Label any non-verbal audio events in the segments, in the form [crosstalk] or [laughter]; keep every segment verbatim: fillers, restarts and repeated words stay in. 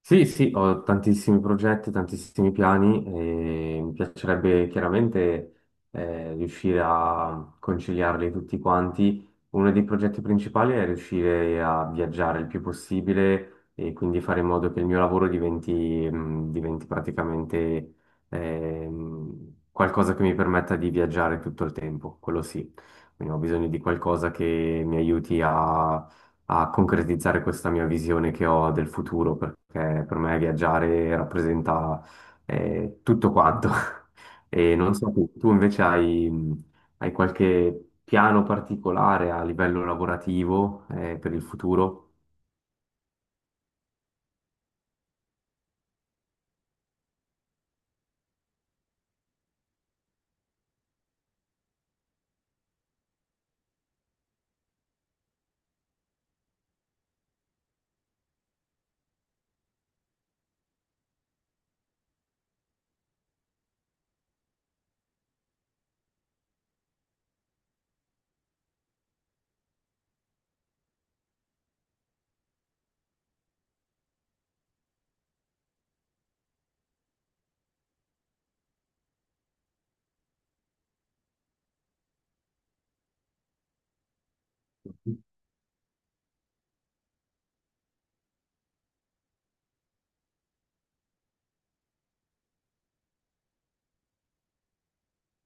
Sì, sì, ho tantissimi progetti, tantissimi piani e mi piacerebbe chiaramente eh, riuscire a conciliarli tutti quanti. Uno dei progetti principali è riuscire a viaggiare il più possibile e quindi fare in modo che il mio lavoro diventi, mh, diventi praticamente ehm, qualcosa che mi permetta di viaggiare tutto il tempo, quello sì. Quindi ho bisogno di qualcosa che mi aiuti a concretizzare questa mia visione che ho del futuro, perché per me viaggiare rappresenta eh, tutto quanto. [laughs] E non so, tu, tu invece hai, hai qualche piano particolare a livello lavorativo eh, per il futuro?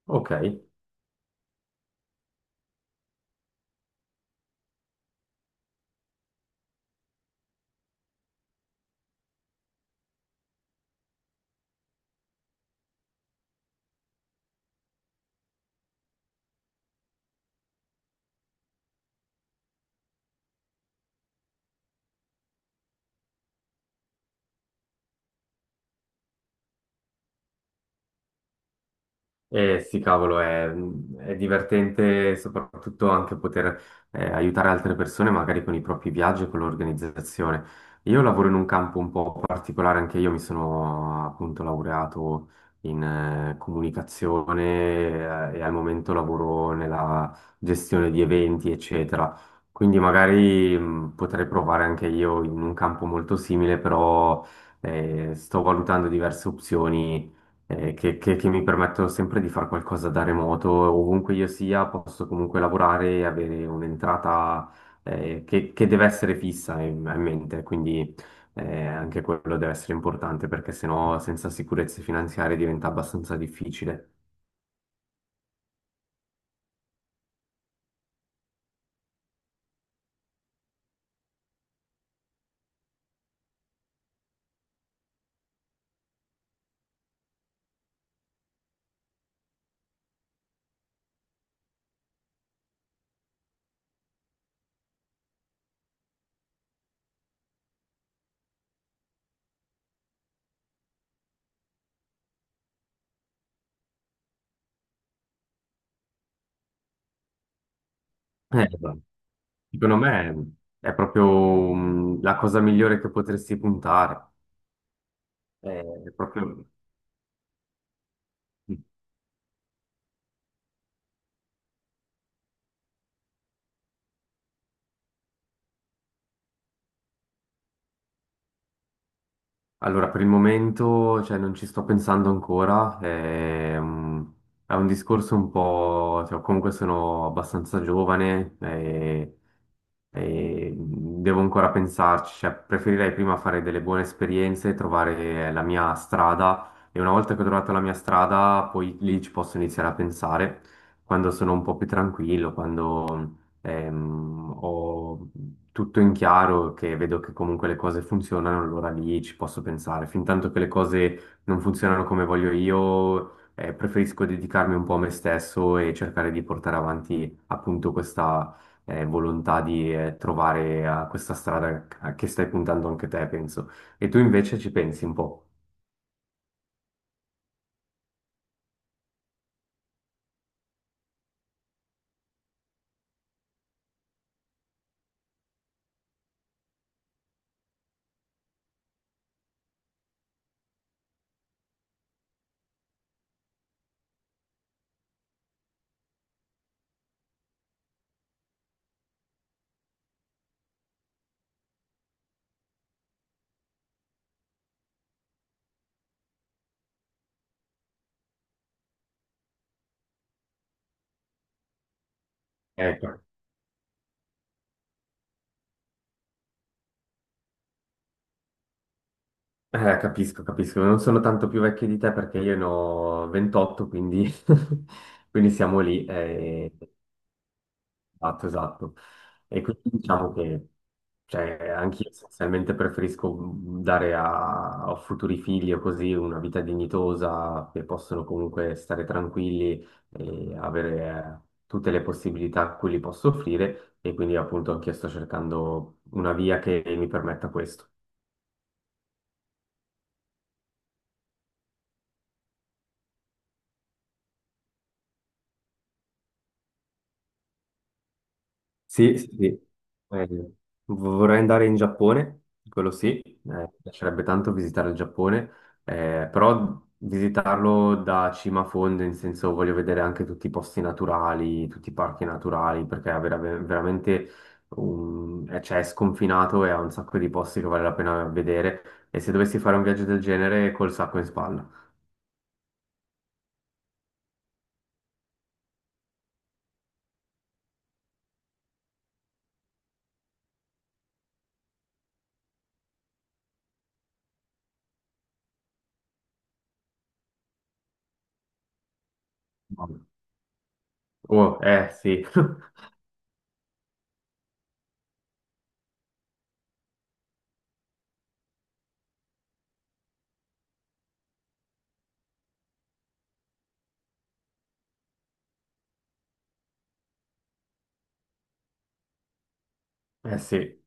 Ok. Eh sì, cavolo, è, è divertente soprattutto anche poter eh, aiutare altre persone magari con i propri viaggi e con l'organizzazione. Io lavoro in un campo un po' particolare, anche io mi sono appunto laureato in eh, comunicazione eh, e al momento lavoro nella gestione di eventi, eccetera. Quindi magari mh, potrei provare anche io in un campo molto simile, però eh, sto valutando diverse opzioni eh, che, che- che mi permettono sempre di fare qualcosa da remoto, ovunque io sia, posso comunque lavorare e avere un'entrata eh, che, che deve essere fissa in, in mente, quindi eh, anche quello deve essere importante perché sennò senza sicurezze finanziarie diventa abbastanza difficile. Eh, esatto. Secondo me è proprio mm, la cosa migliore che potresti puntare. Eh, è proprio... mm, Allora, per il momento, cioè, non ci sto pensando ancora, è un, è un discorso un po', cioè, comunque sono abbastanza giovane, eh, e devo ancora pensarci, cioè preferirei prima fare delle buone esperienze, trovare la mia strada e una volta che ho trovato la mia strada, poi lì ci posso iniziare a pensare quando sono un po' più tranquillo, quando ehm, ho tutto in chiaro, che vedo che comunque le cose funzionano, allora lì ci posso pensare. Fintanto che le cose non funzionano come voglio io, eh, preferisco dedicarmi un po' a me stesso e cercare di portare avanti appunto questa eh, volontà di eh, trovare a questa strada a che stai puntando anche te, penso. E tu invece ci pensi un po'. Ecco. Eh, capisco, capisco. Non sono tanto più vecchio di te perché io ne ho ventotto, quindi, [laughs] quindi siamo lì. Eh, esatto, esatto. E quindi diciamo che... Cioè, anch'io essenzialmente preferisco dare a, a futuri figli o così una vita dignitosa, che possono comunque stare tranquilli e avere eh, tutte le possibilità a cui li posso offrire e quindi appunto anche io sto cercando una via che mi permetta questo. Sì, sì, sì. Eh, vorrei andare in Giappone, quello sì, eh, mi piacerebbe tanto visitare il Giappone, eh, però visitarlo da cima a fondo, in senso voglio vedere anche tutti i posti naturali, tutti i parchi naturali, perché è vera- veramente un- eh, cioè, è sconfinato e ha un sacco di posti che vale la pena vedere. E se dovessi fare un viaggio del genere, col sacco in spalla. Oh, eh sì, [laughs] eh sì.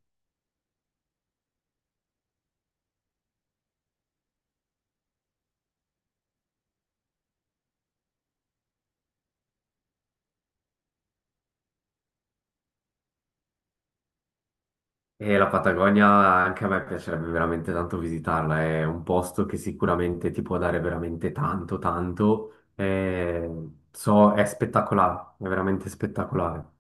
E la Patagonia anche a me piacerebbe veramente tanto visitarla, è un posto che sicuramente ti può dare veramente tanto, tanto. Eh, so, è spettacolare, è veramente spettacolare.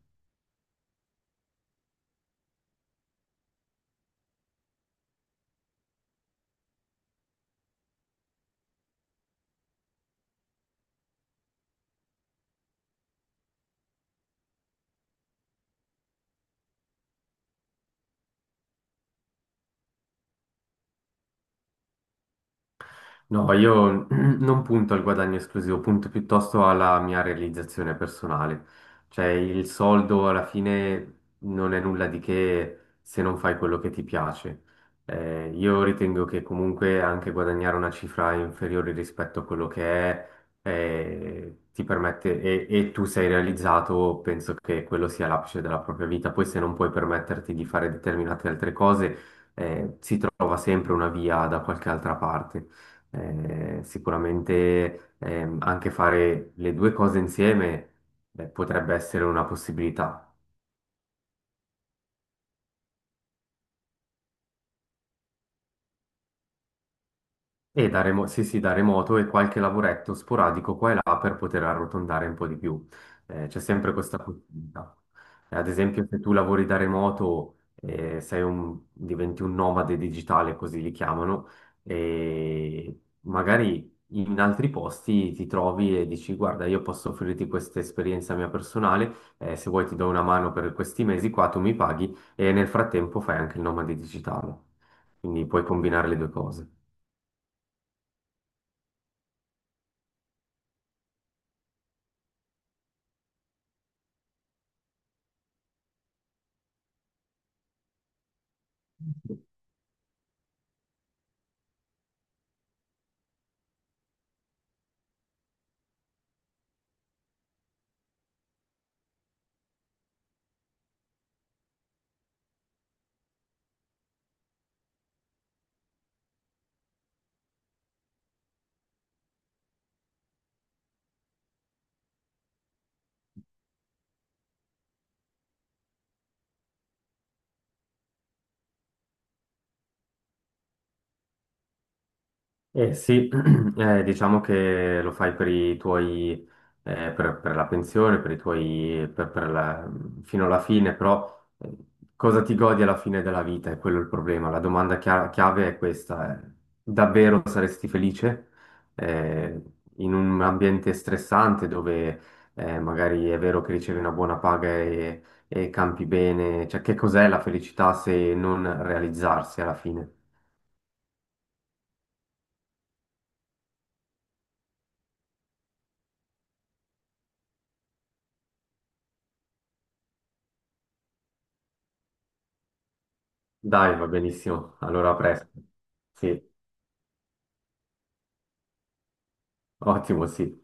No, io [clears throat] non punto al guadagno esclusivo, punto piuttosto alla mia realizzazione personale. Cioè, il soldo alla fine non è nulla di che se non fai quello che ti piace. Eh, io ritengo che comunque anche guadagnare una cifra inferiore rispetto a quello che è, eh, ti permette, e, e tu sei realizzato, penso che quello sia l'apice della propria vita. Poi se non puoi permetterti di fare determinate altre cose, eh, si trova sempre una via da qualche altra parte. Eh, sicuramente ehm, anche fare le due cose insieme, beh, potrebbe essere una possibilità. E da remo- sì, sì, da remoto e qualche lavoretto sporadico qua e là per poter arrotondare un po' di più. Eh, c'è sempre questa possibilità. Eh, Ad esempio, se tu lavori da remoto, eh, sei un- diventi un nomade digitale, così li chiamano, e magari in altri posti ti trovi e dici, guarda, io posso offrirti questa esperienza mia personale, eh, se vuoi ti do una mano per questi mesi qua, tu mi paghi e nel frattempo fai anche il nomade digitale. Quindi puoi combinare le due cose. Eh sì, [clears throat] eh, diciamo che lo fai per i tuoi, eh, per, per la pensione, per i tuoi, per, per la- fino alla fine, però eh, cosa ti godi alla fine della vita? È quello il problema. La domanda chia- chiave è questa. Eh. Davvero saresti felice, eh, in un ambiente stressante dove, eh, magari è vero che ricevi una buona paga e, e campi bene? Cioè, che cos'è la felicità se non realizzarsi alla fine? Dai, va benissimo. Allora, a presto. Sì, ottimo, sì.